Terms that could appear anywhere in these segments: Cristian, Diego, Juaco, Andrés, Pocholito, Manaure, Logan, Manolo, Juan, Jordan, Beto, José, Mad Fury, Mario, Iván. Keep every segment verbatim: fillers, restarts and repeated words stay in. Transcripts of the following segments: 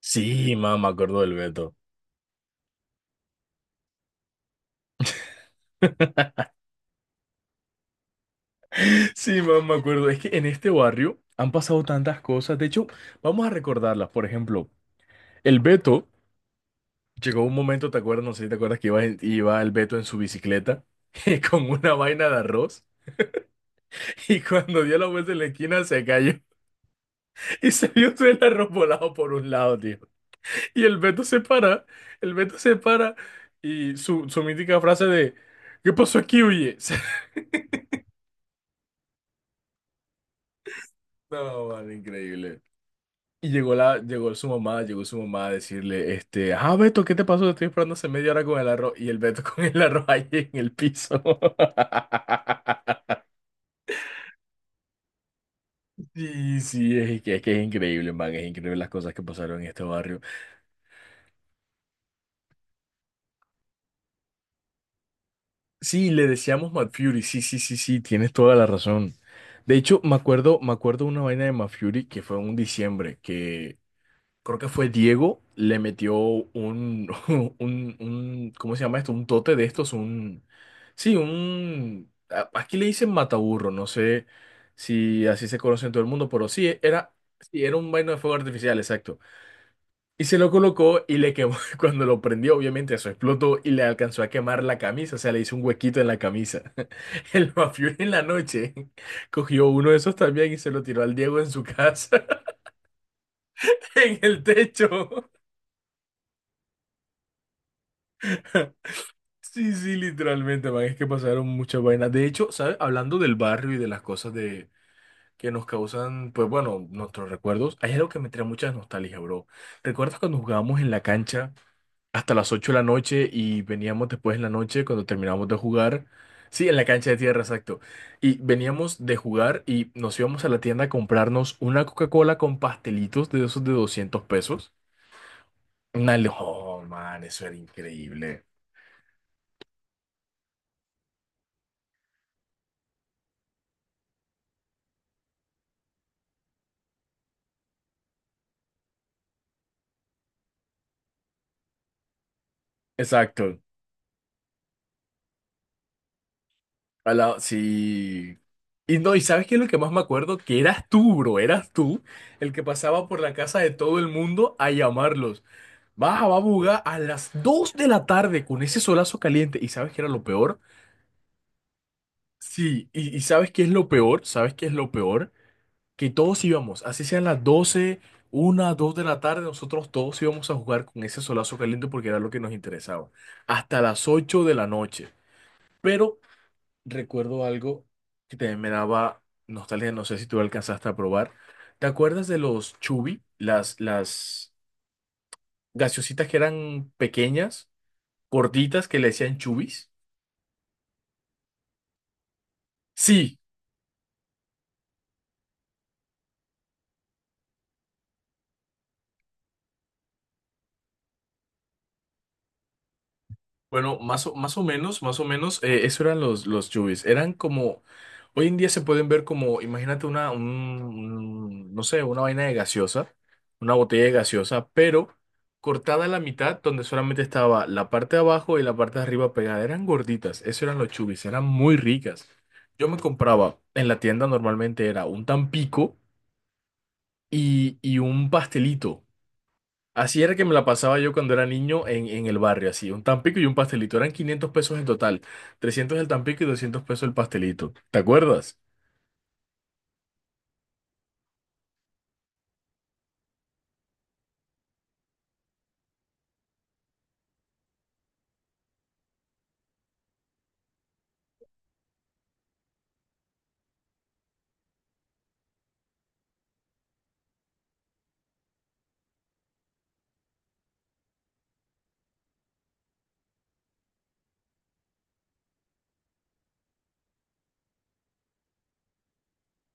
Sí, mamá, me acuerdo del Beto. Sí, mamá, me acuerdo. Es que en este barrio han pasado tantas cosas. De hecho, vamos a recordarlas. Por ejemplo, el Beto llegó un momento, ¿te acuerdas? No sé si te acuerdas que iba, en- iba el Beto en su bicicleta con una vaina de arroz. Y cuando dio la vuelta en la esquina se cayó y se vio todo el arroz volado por un lado, tío. Y el Beto se para, el Beto se para y su, su mítica frase de, ¿qué pasó aquí, oye? No, man, increíble. Y llegó la, llegó su mamá, llegó su mamá a decirle, este, ah, Beto, ¿qué te pasó? Te estoy esperando hace media hora con el arroz. Y el Beto con el arroz ahí en el piso. Sí, sí, es que, es que es increíble, man, es increíble las cosas que pasaron en este barrio. Sí, le decíamos Mad Fury, sí, sí, sí, sí, tienes toda la razón. De hecho, me acuerdo, me acuerdo una vaina de Mad Fury que fue en un diciembre, que creo que fue Diego, le metió un, un, un, ¿cómo se llama esto? Un tote de estos, un, sí, un, a- aquí le dicen mataburro, no sé si así se conoce en todo el mundo, pero sí, era, sí, era un vaino de fuego artificial, exacto. Y se lo colocó y le quemó, cuando lo prendió, obviamente eso explotó y le alcanzó a quemar la camisa, o sea, le hizo un huequito en la camisa. El mafioso en la noche cogió uno de esos también y se lo tiró al Diego en su casa, en el techo. Sí, sí, literalmente, man, es que pasaron muchas vainas. De hecho, ¿sabes? Hablando del barrio y de las cosas de que nos causan, pues bueno, nuestros recuerdos, hay algo que me trae mucha nostalgia, bro. ¿Recuerdas cuando jugábamos en la cancha hasta las ocho de la noche y veníamos después en la noche cuando terminábamos de jugar? Sí, en la cancha de tierra, exacto. Y veníamos de jugar y nos íbamos a la tienda a comprarnos una Coca-Cola con pastelitos de esos de doscientos pesos. Una, lo- oh, man, eso era increíble. Exacto. Al lado, sí. Y no, ¿y sabes qué es lo que más me acuerdo? Que eras tú, bro, eras tú el que pasaba por la casa de todo el mundo a llamarlos. Baja, va, buga, a las dos de la tarde con ese solazo caliente. ¿Y sabes qué era lo peor? Sí, y, y ¿sabes qué es lo peor? ¿Sabes qué es lo peor? Que todos íbamos, así sean las doce una dos de la tarde, nosotros todos íbamos a jugar con ese solazo caliente porque era lo que nos interesaba. Hasta las ocho de la noche. Pero recuerdo algo que también me daba nostalgia, no sé si tú lo alcanzaste a probar. ¿Te acuerdas de los chubi? Las, las gaseositas que eran pequeñas, gorditas, que le decían chubis. Sí, bueno, más o, más o menos, más o menos, eh, eso eran los, los yubis. Eran como, hoy en día se pueden ver como, imagínate una, un, un, no sé, una vaina de gaseosa, una botella de gaseosa, pero cortada a la mitad, donde solamente estaba la parte de abajo y la parte de arriba pegada. Eran gorditas, eso eran los chubis, eran muy ricas. Yo me compraba, en la tienda normalmente era un tampico y, y un pastelito. Así era que me la pasaba yo cuando era niño en, en el barrio, así, un tampico y un pastelito. Eran quinientos pesos en total, trescientos el tampico y doscientos pesos el pastelito. ¿Te acuerdas?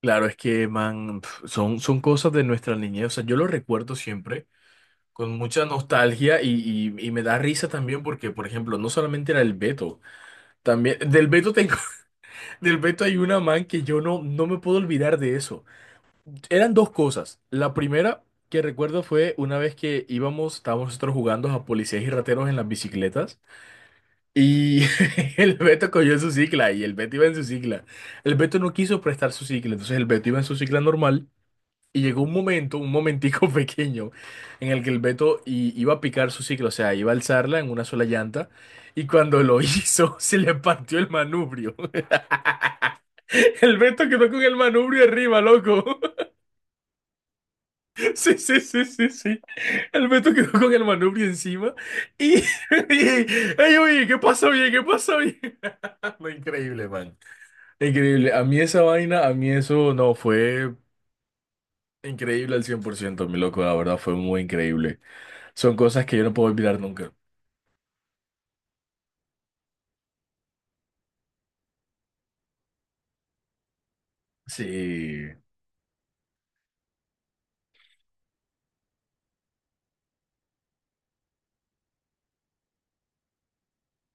Claro, es que, man, pf, son, son cosas de nuestra niñez. O sea, yo lo recuerdo siempre con mucha nostalgia y, y- y me da risa también porque, por ejemplo, no solamente era el Beto, también del Beto tengo, del Beto hay una, man, que yo no, no me puedo olvidar de eso. Eran dos cosas. La primera que recuerdo fue una vez que íbamos, estábamos nosotros jugando a policías y rateros en las bicicletas y el Beto cogió su cicla y el Beto iba en su cicla. El Beto no quiso prestar su cicla, entonces el Beto iba en su cicla normal y llegó un momento, un momentico pequeño en el que el Beto i- iba a picar su cicla, o sea, iba a alzarla en una sola llanta y cuando lo hizo se le partió el manubrio. El Beto quedó con el manubrio arriba, loco. Sí, sí, sí, sí, sí. El Beto quedó con el manubrio encima y, y- ey, oye, ¿qué pasó bien? ¿Qué pasó bien? No, increíble, man. Increíble. A mí esa vaina, a mí eso no fue increíble al cien por ciento mi loco. La verdad fue muy increíble. Son cosas que yo no puedo olvidar nunca. Sí,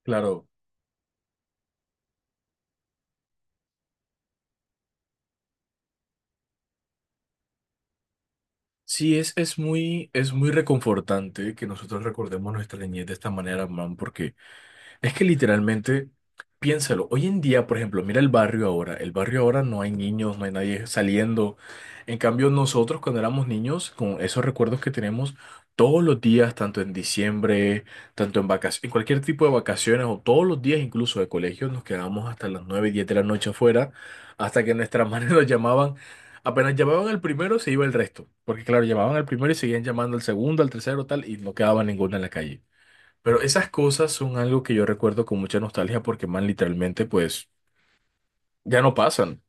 claro. Sí, es, es muy, es muy reconfortante que nosotros recordemos nuestra niñez de esta manera, man, porque es que literalmente, piénsalo, hoy en día, por ejemplo, mira el barrio ahora, el barrio ahora no hay niños, no hay nadie saliendo. En cambio, nosotros cuando éramos niños, con esos recuerdos que tenemos todos los días, tanto en diciembre, tanto en vacaciones, en cualquier tipo de vacaciones o todos los días incluso de colegio, nos quedábamos hasta las nueve, diez de la noche afuera, hasta que nuestras madres nos llamaban. Apenas llamaban al primero, se iba el resto, porque claro, llamaban al primero y seguían llamando al segundo, al tercero, tal, y no quedaba ninguno en la calle. Pero esas cosas son algo que yo recuerdo con mucha nostalgia porque, man, literalmente, pues, ya no pasan.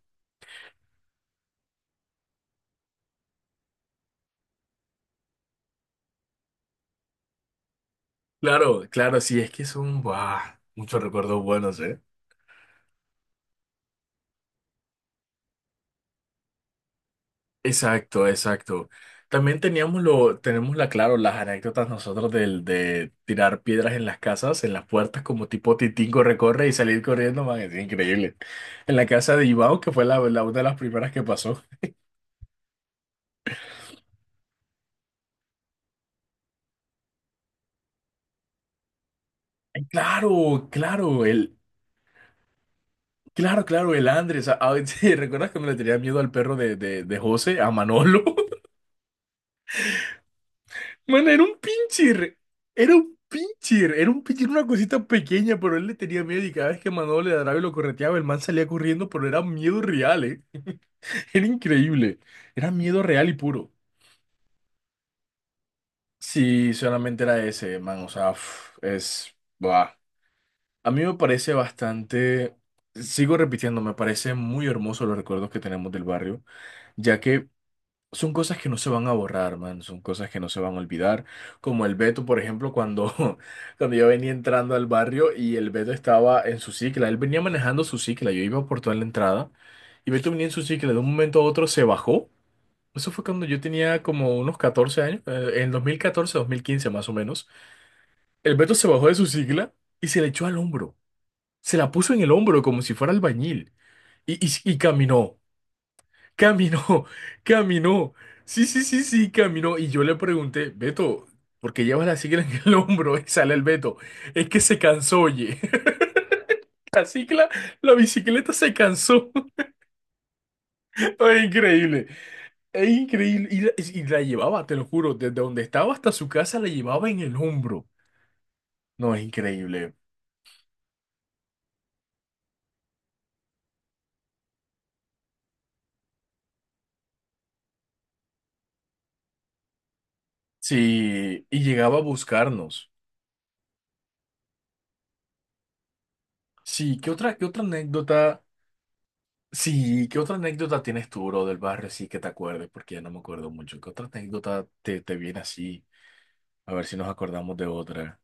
Claro, claro, sí, es que son, buah, muchos recuerdos buenos, ¿eh? Exacto, exacto. También teníamos lo, tenemos la, claro, las anécdotas nosotros del, de tirar piedras en las casas, en las puertas, como tipo Titingo recorre y salir corriendo, man, es increíble. En la casa de Iván, que fue la, la- una de las primeras que pasó. Ay, claro, claro, el, Claro, claro, el Andrés. A- a- ¿te ¿Recuerdas cuando le tenía miedo al perro de, de, de José, a Manolo? Bueno, era un pincher. Era un pincher. Era un pincher, una cosita pequeña, pero él le tenía miedo y cada vez que Manolo le ladraba y lo correteaba, el man salía corriendo, pero era miedo real, ¿eh? Era increíble. Era miedo real y puro. Sí, solamente era ese, man. O sea, uf, es... buah. A mí me parece bastante... Sigo repitiendo, me parece muy hermoso los recuerdos que tenemos del barrio ya que son cosas que no se van a borrar, man, son cosas que no se van a olvidar, como el Beto, por ejemplo, cuando, cuando yo venía entrando al barrio y el Beto estaba en su cicla, él venía manejando su cicla, yo iba por toda la entrada y Beto venía en su cicla, de un momento a otro se bajó, eso fue cuando yo tenía como unos catorce años, eh, en dos mil catorce, dos mil quince más o menos, el Beto se bajó de su cicla y se le echó al hombro, se la puso en el hombro como si fuera albañil y, y, y caminó. Caminó, caminó. Sí, sí, sí, sí, caminó. Y yo le pregunté, Beto, ¿por qué llevas la cicla en el hombro? Y sale el Beto. Es que se cansó, oye. La cicla, la bicicleta se cansó. Es increíble. Es increíble. Y la, y la llevaba, te lo juro, desde donde estaba hasta su casa la llevaba en el hombro. No, es increíble. Sí, y llegaba a buscarnos. Sí, ¿qué otra, qué otra anécdota? Sí, ¿qué otra anécdota tienes tú, bro, del barrio? Sí, que te acuerdes, porque ya no me acuerdo mucho. ¿Qué otra anécdota te, te viene así? A ver si nos acordamos de otra.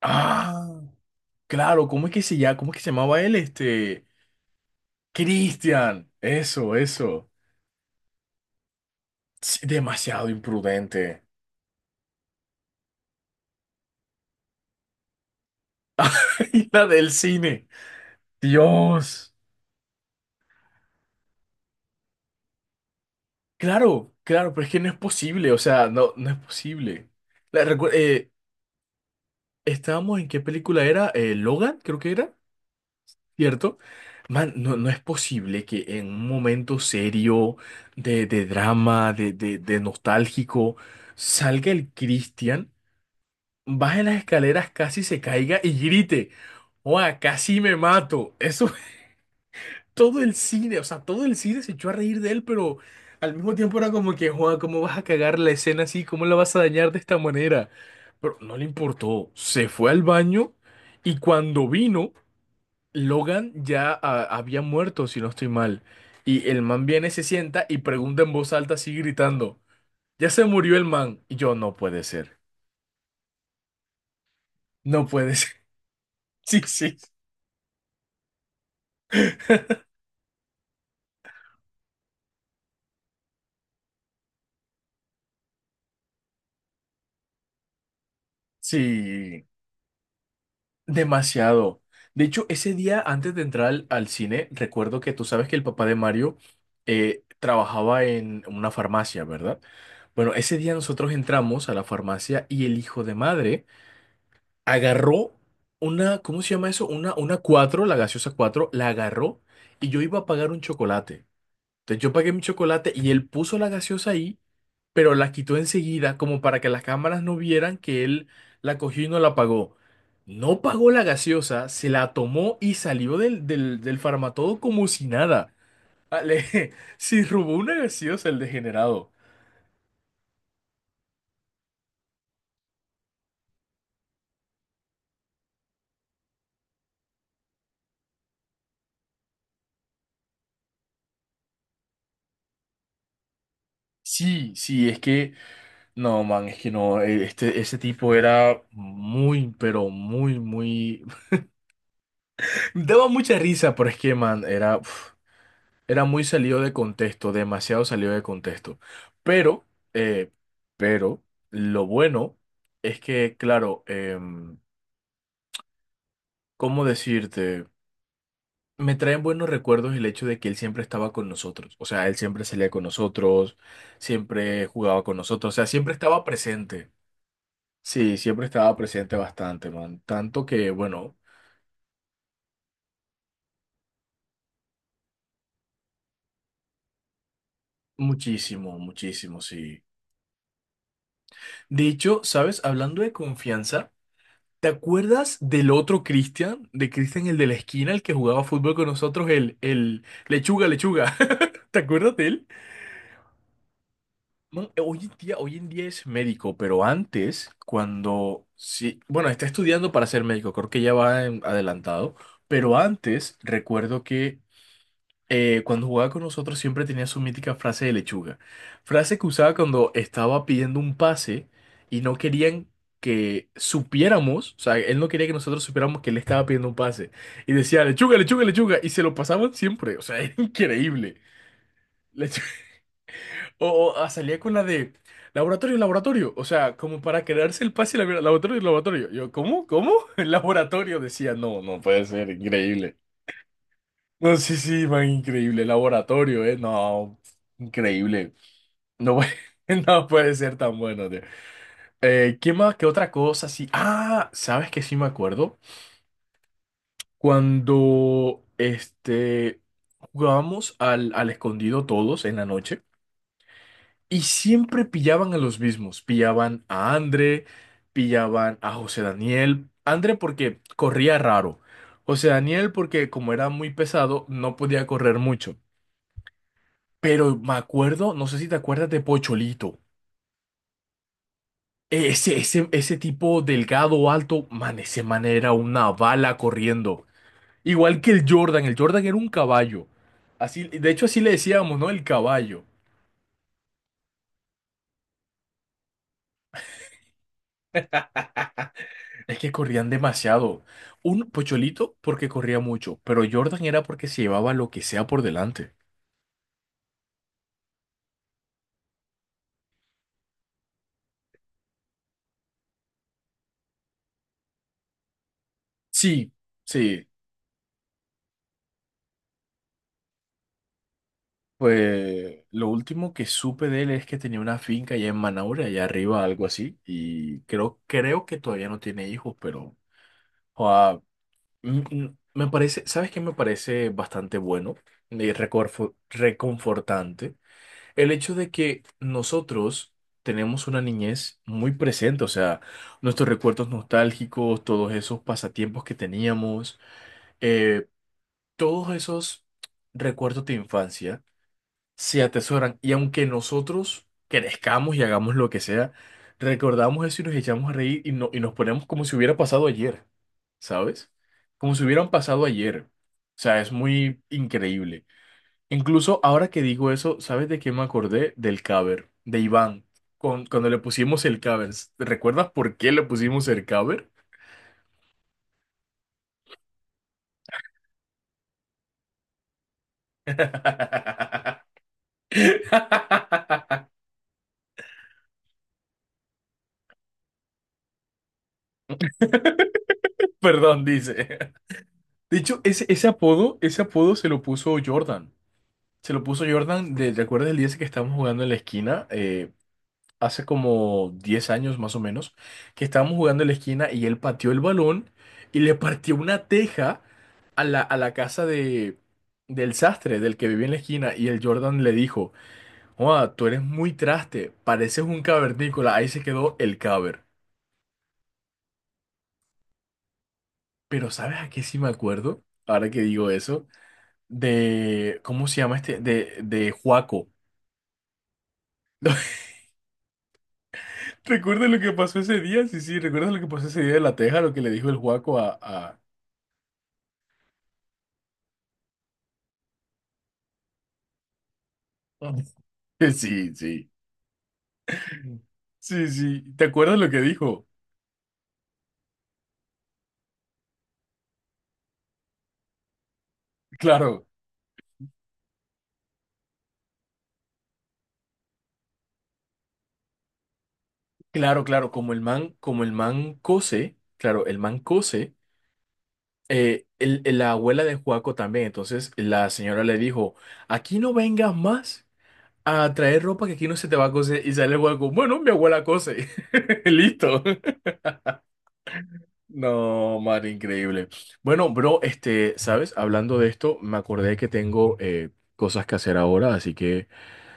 Ah, claro, ¿cómo es que se llama? ¿Cómo es que se llamaba él? Este, Cristian. Eso, eso. Sí, demasiado imprudente. Y la del cine. Dios. Claro, claro, pero es que no es posible, o sea, no, no es posible. La, recu- eh, Estábamos en qué película era, Eh, Logan, creo que era. ¿Cierto? Man, no, no es posible que en un momento serio, de, de drama, de, de, de nostálgico, salga el Cristian, baje las escaleras, casi se caiga y grite, ¡Oa, casi me mato! Eso todo el cine, o sea, todo el cine se echó a reír de él, pero al mismo tiempo era como que, Juan, ¿cómo vas a cagar la escena así? ¿Cómo la vas a dañar de esta manera? Pero no le importó, se fue al baño y cuando vino... Logan ya ah, había muerto, si no estoy mal. Y el man viene, se sienta y pregunta en voz alta, así gritando, ya se murió el man. Y yo, no puede ser, no puede ser. Sí, sí, sí, demasiado. De hecho, ese día antes de entrar al, al cine, recuerdo que tú sabes que el papá de Mario eh, trabajaba en una farmacia, ¿verdad? Bueno, ese día nosotros entramos a la farmacia y el hijo de madre agarró una, ¿cómo se llama eso? Una, una cuatro, la gaseosa cuatro la agarró y yo iba a pagar un chocolate. Entonces yo pagué mi chocolate y él puso la gaseosa ahí, pero la quitó enseguida como para que las cámaras no vieran que él la cogió y no la pagó. No pagó la gaseosa, se la tomó y salió del, del, del farmatodo como si nada. Ale, sí, robó una gaseosa el degenerado. Sí, sí, es que no, man, es que no, eh, este, ese tipo era muy, pero muy, muy... Daba mucha risa, pero es que, man, era, uf, era muy salido de contexto, demasiado salido de contexto. Pero, eh, pero, lo bueno es que, claro, em, ¿cómo decirte? Me traen buenos recuerdos el hecho de que él siempre estaba con nosotros. O sea, él siempre salía con nosotros, siempre jugaba con nosotros, o sea, siempre estaba presente. Sí, siempre estaba presente bastante, man. Tanto que, bueno, muchísimo, muchísimo, sí. De hecho, ¿sabes? Hablando de confianza, ¿te acuerdas del otro Cristian? De Cristian, el de la esquina, el que jugaba fútbol con nosotros, el, el lechuga, lechuga. ¿Te acuerdas de él? Man, hoy en día, hoy en día es médico, pero antes, cuando, sí, bueno, está estudiando para ser médico, creo que ya va en- adelantado, pero antes recuerdo que eh, cuando jugaba con nosotros siempre tenía su mítica frase de lechuga. Frase que usaba cuando estaba pidiendo un pase y no querían que supiéramos, o sea, él no quería que nosotros supiéramos que él estaba pidiendo un pase. Y decía, lechuga, lechuga, lechuga. Y se lo pasaban siempre, o sea, era increíble. Lechu- O, o, ah, salía con la de laboratorio, laboratorio. O sea, como para quedarse el pase, la- laboratorio, laboratorio. Yo, ¿cómo? ¿Cómo? El laboratorio decía, no, no puede ser, increíble. No, sí, sí, man, increíble laboratorio, ¿eh? No, increíble. No, puede- no puede ser tan bueno, tío. Eh, ¿qué más? ¿Qué otra cosa? Sí. Ah, ¿sabes qué? Sí me acuerdo. Cuando, este, jugábamos al, al escondido todos en la noche y siempre pillaban a los mismos. Pillaban a André, pillaban a José Daniel. André porque corría raro. José Daniel porque como era muy pesado, no podía correr mucho. Pero me acuerdo, no sé si te acuerdas de Pocholito. Ese, ese, ese tipo delgado, alto, man, ese man era una bala corriendo. Igual que el Jordan, el Jordan era un caballo. Así, de hecho, así le decíamos, ¿no? El caballo. Es que corrían demasiado. Un Pocholito porque corría mucho, pero Jordan era porque se llevaba lo que sea por delante. Sí, sí. Pues lo último que supe de él es que tenía una finca allá en Manaure, allá arriba, algo así, y creo, creo que todavía no tiene hijos, pero joa, mm, mm, me parece, ¿sabes qué me parece bastante bueno y recorfo- reconfortante? El hecho de que nosotros tenemos una niñez muy presente, o sea, nuestros recuerdos nostálgicos, todos esos pasatiempos que teníamos, eh, todos esos recuerdos de infancia se atesoran. Y aunque nosotros crezcamos y hagamos lo que sea, recordamos eso y nos echamos a reír y, no, y nos ponemos como si hubiera pasado ayer, ¿sabes? Como si hubieran pasado ayer. O sea, es muy increíble. Incluso ahora que digo eso, ¿sabes de qué me acordé? Del cover, de Iván. Con- cuando le pusimos el cover. ¿Recuerdas por qué le pusimos el cover? Perdón, dice. De hecho, ese, ese apodo, ese apodo se lo puso Jordan. Se lo puso Jordan, de, ¿te acuerdas el día ese que estábamos jugando en la esquina? Eh, hace como diez años más o menos, que estábamos jugando en la esquina y él pateó el balón y le partió una teja a la, a la casa de, del sastre, del que vivía en la esquina, y el Jordan le dijo, joa, tú eres muy traste, pareces un cavernícola. Ahí se quedó el caber. Pero ¿sabes a qué sí me acuerdo? Ahora que digo eso, de, ¿cómo se llama este? De, de Juaco. ¿Recuerdas lo que pasó ese día? Sí, sí, ¿recuerdas lo que pasó ese día de la teja? Lo que le dijo el Juaco a... a- Sí, sí. Sí, sí. ¿Te acuerdas lo que dijo? Claro, claro, claro. Como el man, como el man cose, claro, el man cose, eh, el- el- la abuela de Juaco también. Entonces la señora le dijo, aquí no vengas más a traer ropa que aquí no se te va a coser. Y sale el Juaco, bueno, mi abuela cose. Listo. No, man, increíble. Bueno, bro, este, ¿sabes? Hablando de esto, me acordé que tengo eh, cosas que hacer ahora, así que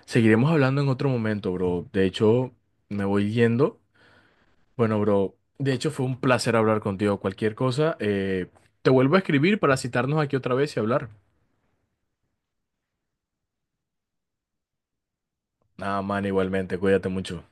seguiremos hablando en otro momento, bro. De hecho, me voy yendo. Bueno, bro, de hecho fue un placer hablar contigo. Cualquier cosa, eh, te vuelvo a escribir para citarnos aquí otra vez y hablar. Ah, man, igualmente, cuídate mucho.